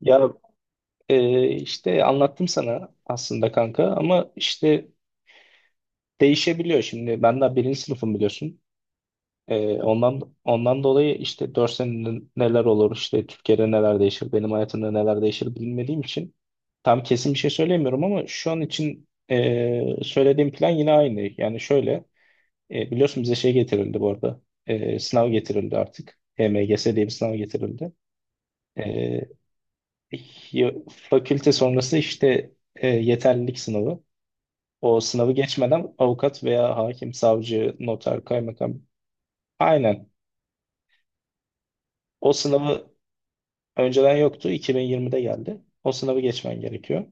Ya işte anlattım sana aslında kanka ama işte değişebiliyor şimdi. Ben daha birinci sınıfım biliyorsun. Ondan dolayı işte dört senede neler olur, işte Türkiye'de neler değişir, benim hayatımda neler değişir bilmediğim için tam kesin bir şey söyleyemiyorum, ama şu an için söylediğim plan yine aynı. Yani şöyle, biliyorsun bize şey getirildi bu arada. Sınav getirildi artık. HMGS diye bir sınav getirildi. E, Fakülte sonrası işte yeterlilik sınavı. O sınavı geçmeden avukat veya hakim, savcı, noter, kaymakam. Aynen. O sınavı önceden yoktu. 2020'de geldi. O sınavı geçmen gerekiyor.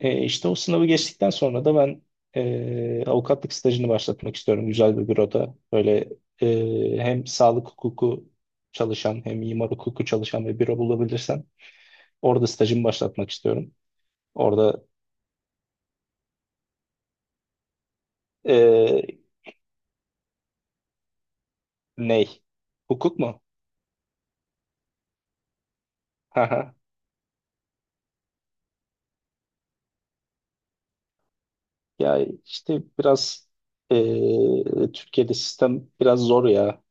İşte o sınavı geçtikten sonra da ben avukatlık stajını başlatmak istiyorum. Güzel bir büroda. Böyle hem sağlık hukuku çalışan, hem imar hukuku çalışan bir büro bulabilirsem orada stajımı başlatmak istiyorum. Orada e, Ney? Hukuk mu? Haha. Ya işte biraz Türkiye'de sistem biraz zor ya.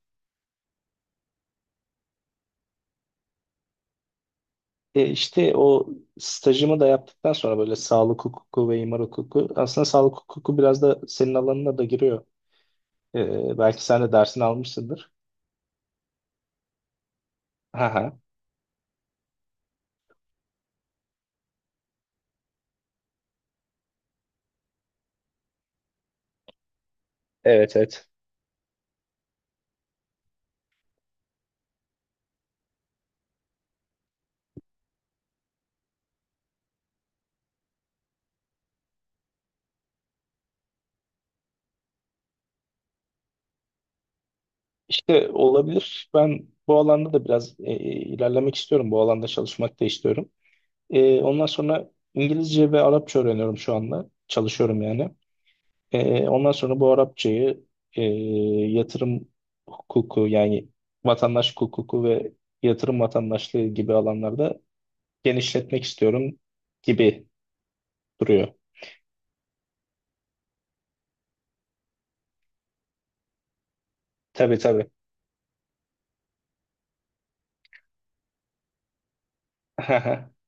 İşte o stajımı da yaptıktan sonra böyle sağlık hukuku ve imar hukuku. Aslında sağlık hukuku biraz da senin alanına da giriyor. Belki sen de dersini almışsındır. Haha. Evet, evet. İşte olabilir. Ben bu alanda da biraz ilerlemek istiyorum. Bu alanda çalışmak da istiyorum. Ondan sonra İngilizce ve Arapça öğreniyorum şu anda. Çalışıyorum yani. Ondan sonra bu Arapçayı e, yatırım hukuku yani vatandaş hukuku ve yatırım vatandaşlığı gibi alanlarda genişletmek istiyorum gibi duruyor. Tabii, tabii.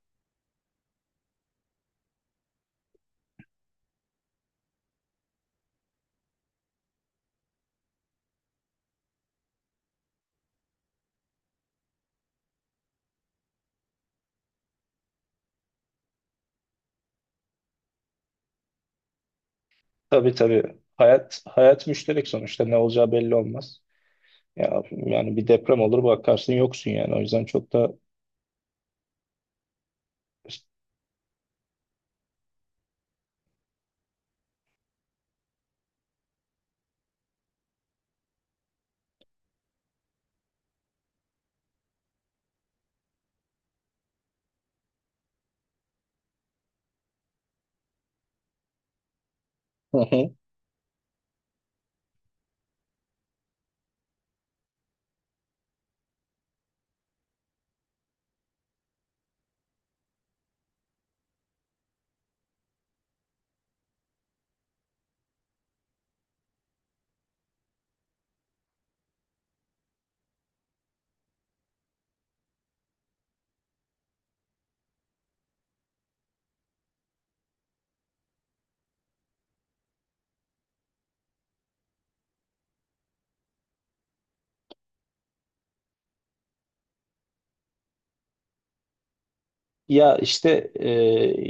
Tabii, tabii. Hayat müşterek sonuçta, ne olacağı belli olmaz. Ya, yani bir deprem olur bakarsın yoksun yani. O yüzden çok da Ya işte e,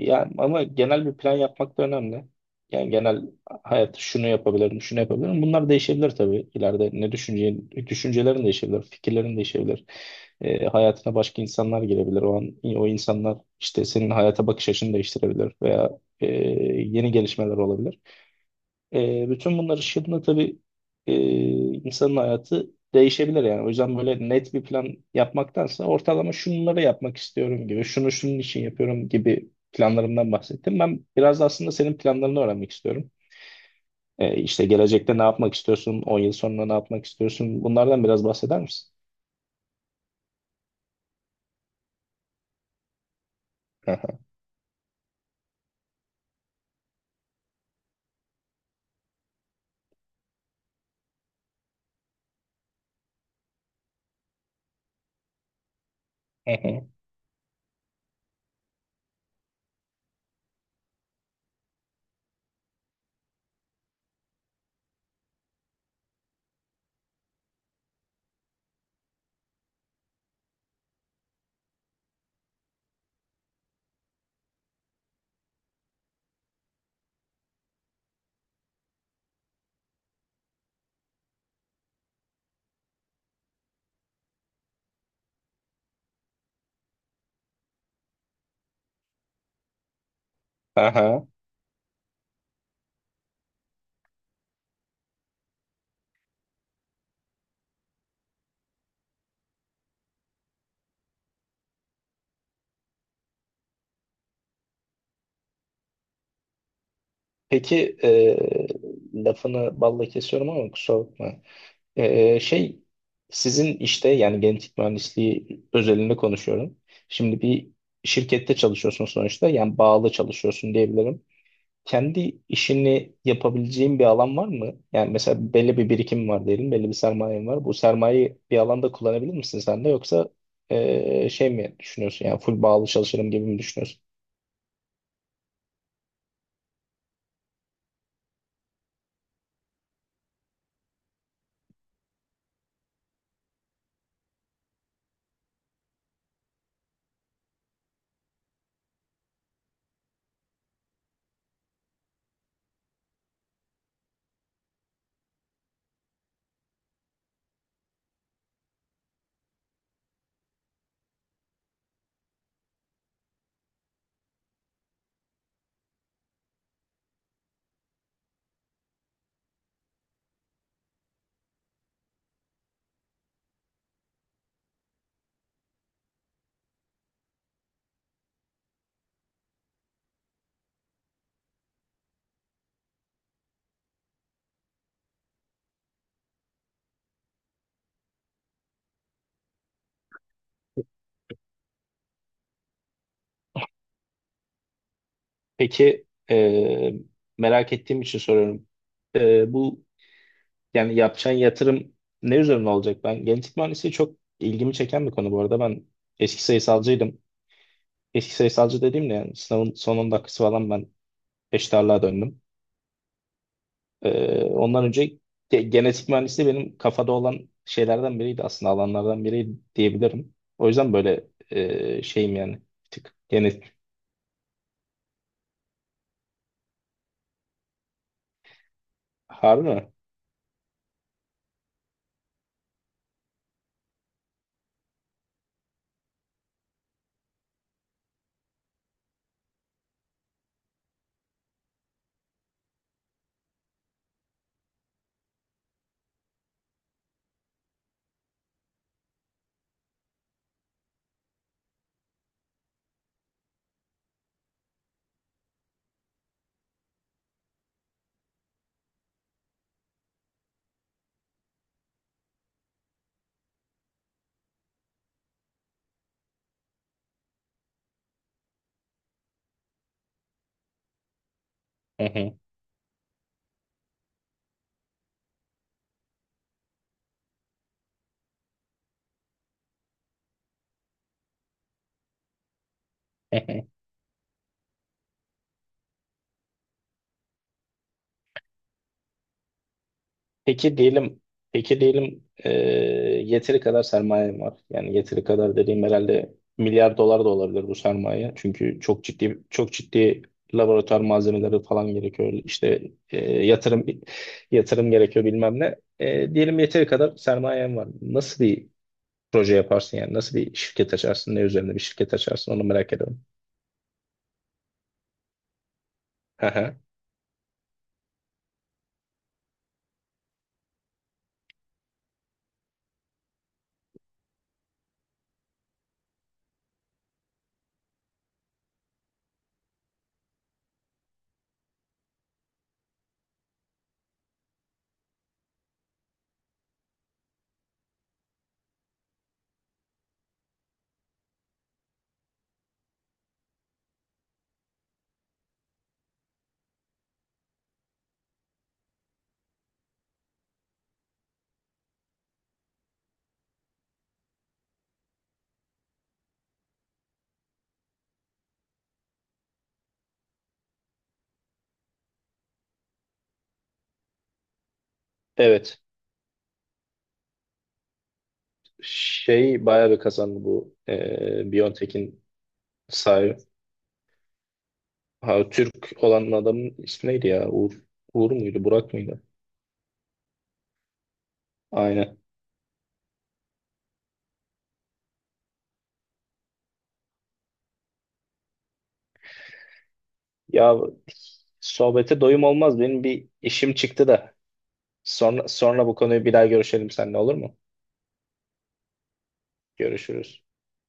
ya ama genel bir plan yapmak da önemli. Yani genel hayat, şunu yapabilirim, şunu yapabilirim. Bunlar değişebilir tabii ileride. Ne düşüneceğin, düşüncelerin değişebilir, fikirlerin değişebilir. Hayatına başka insanlar girebilir. O an o insanlar işte senin hayata bakış açını değiştirebilir veya e, yeni gelişmeler olabilir. Bütün bunlar ışığında tabii e, insanın hayatı değişebilir yani. O yüzden böyle net bir plan yapmaktansa, ortalama şunları yapmak istiyorum gibi, şunu şunun için yapıyorum gibi planlarımdan bahsettim. Ben biraz da aslında senin planlarını öğrenmek istiyorum. İşte gelecekte ne yapmak istiyorsun, 10 yıl sonra ne yapmak istiyorsun, bunlardan biraz bahseder misin? Aha. Aha. Aha. Peki lafını balla kesiyorum ama kusura bakma. Ee, şey Sizin işte yani genetik mühendisliği özelinde konuşuyorum. Şimdi bir şirkette çalışıyorsun sonuçta, yani bağlı çalışıyorsun diyebilirim. Kendi işini yapabileceğin bir alan var mı? Yani mesela belli bir birikim var diyelim, belli bir sermayen var. Bu sermayeyi bir alanda kullanabilir misin sen de, yoksa şey mi düşünüyorsun, yani full bağlı çalışırım gibi mi düşünüyorsun? Peki merak ettiğim için soruyorum. Bu Yani yapacağın yatırım ne üzerine olacak? Ben, genetik mühendisliği çok ilgimi çeken bir konu bu arada. Ben eski sayısalcıydım. Eski sayısalcı dediğimde yani, sınavın son 10 dakikası falan ben eşit döndüm. Ondan önce genetik mühendisliği benim kafada olan şeylerden biriydi, aslında alanlardan biriydi diyebilirim. O yüzden böyle şeyim yani, bir tık genetik. Harbi mi? Hı hı. Peki diyelim, peki diyelim yeteri kadar sermayem var. Yani yeteri kadar dediğim, herhalde milyar dolar da olabilir bu sermaye. Çünkü çok ciddi, çok ciddi laboratuvar malzemeleri falan gerekiyor. İşte e, yatırım yatırım gerekiyor bilmem ne. Diyelim yeteri kadar sermayem var. Nasıl bir proje yaparsın yani? Nasıl bir şirket açarsın? Ne üzerine bir şirket açarsın? Onu merak ediyorum. Aha. Evet. Şey, bayağı bir kazandı bu BioNTech'in sahibi. Ha, Türk olan adamın ismi neydi ya? Uğur, Uğur muydu? Burak mıydı? Aynen. Ya, sohbete doyum olmaz. Benim bir işim çıktı da. Sonra bu konuyu bir daha görüşelim seninle, olur mu? Görüşürüz.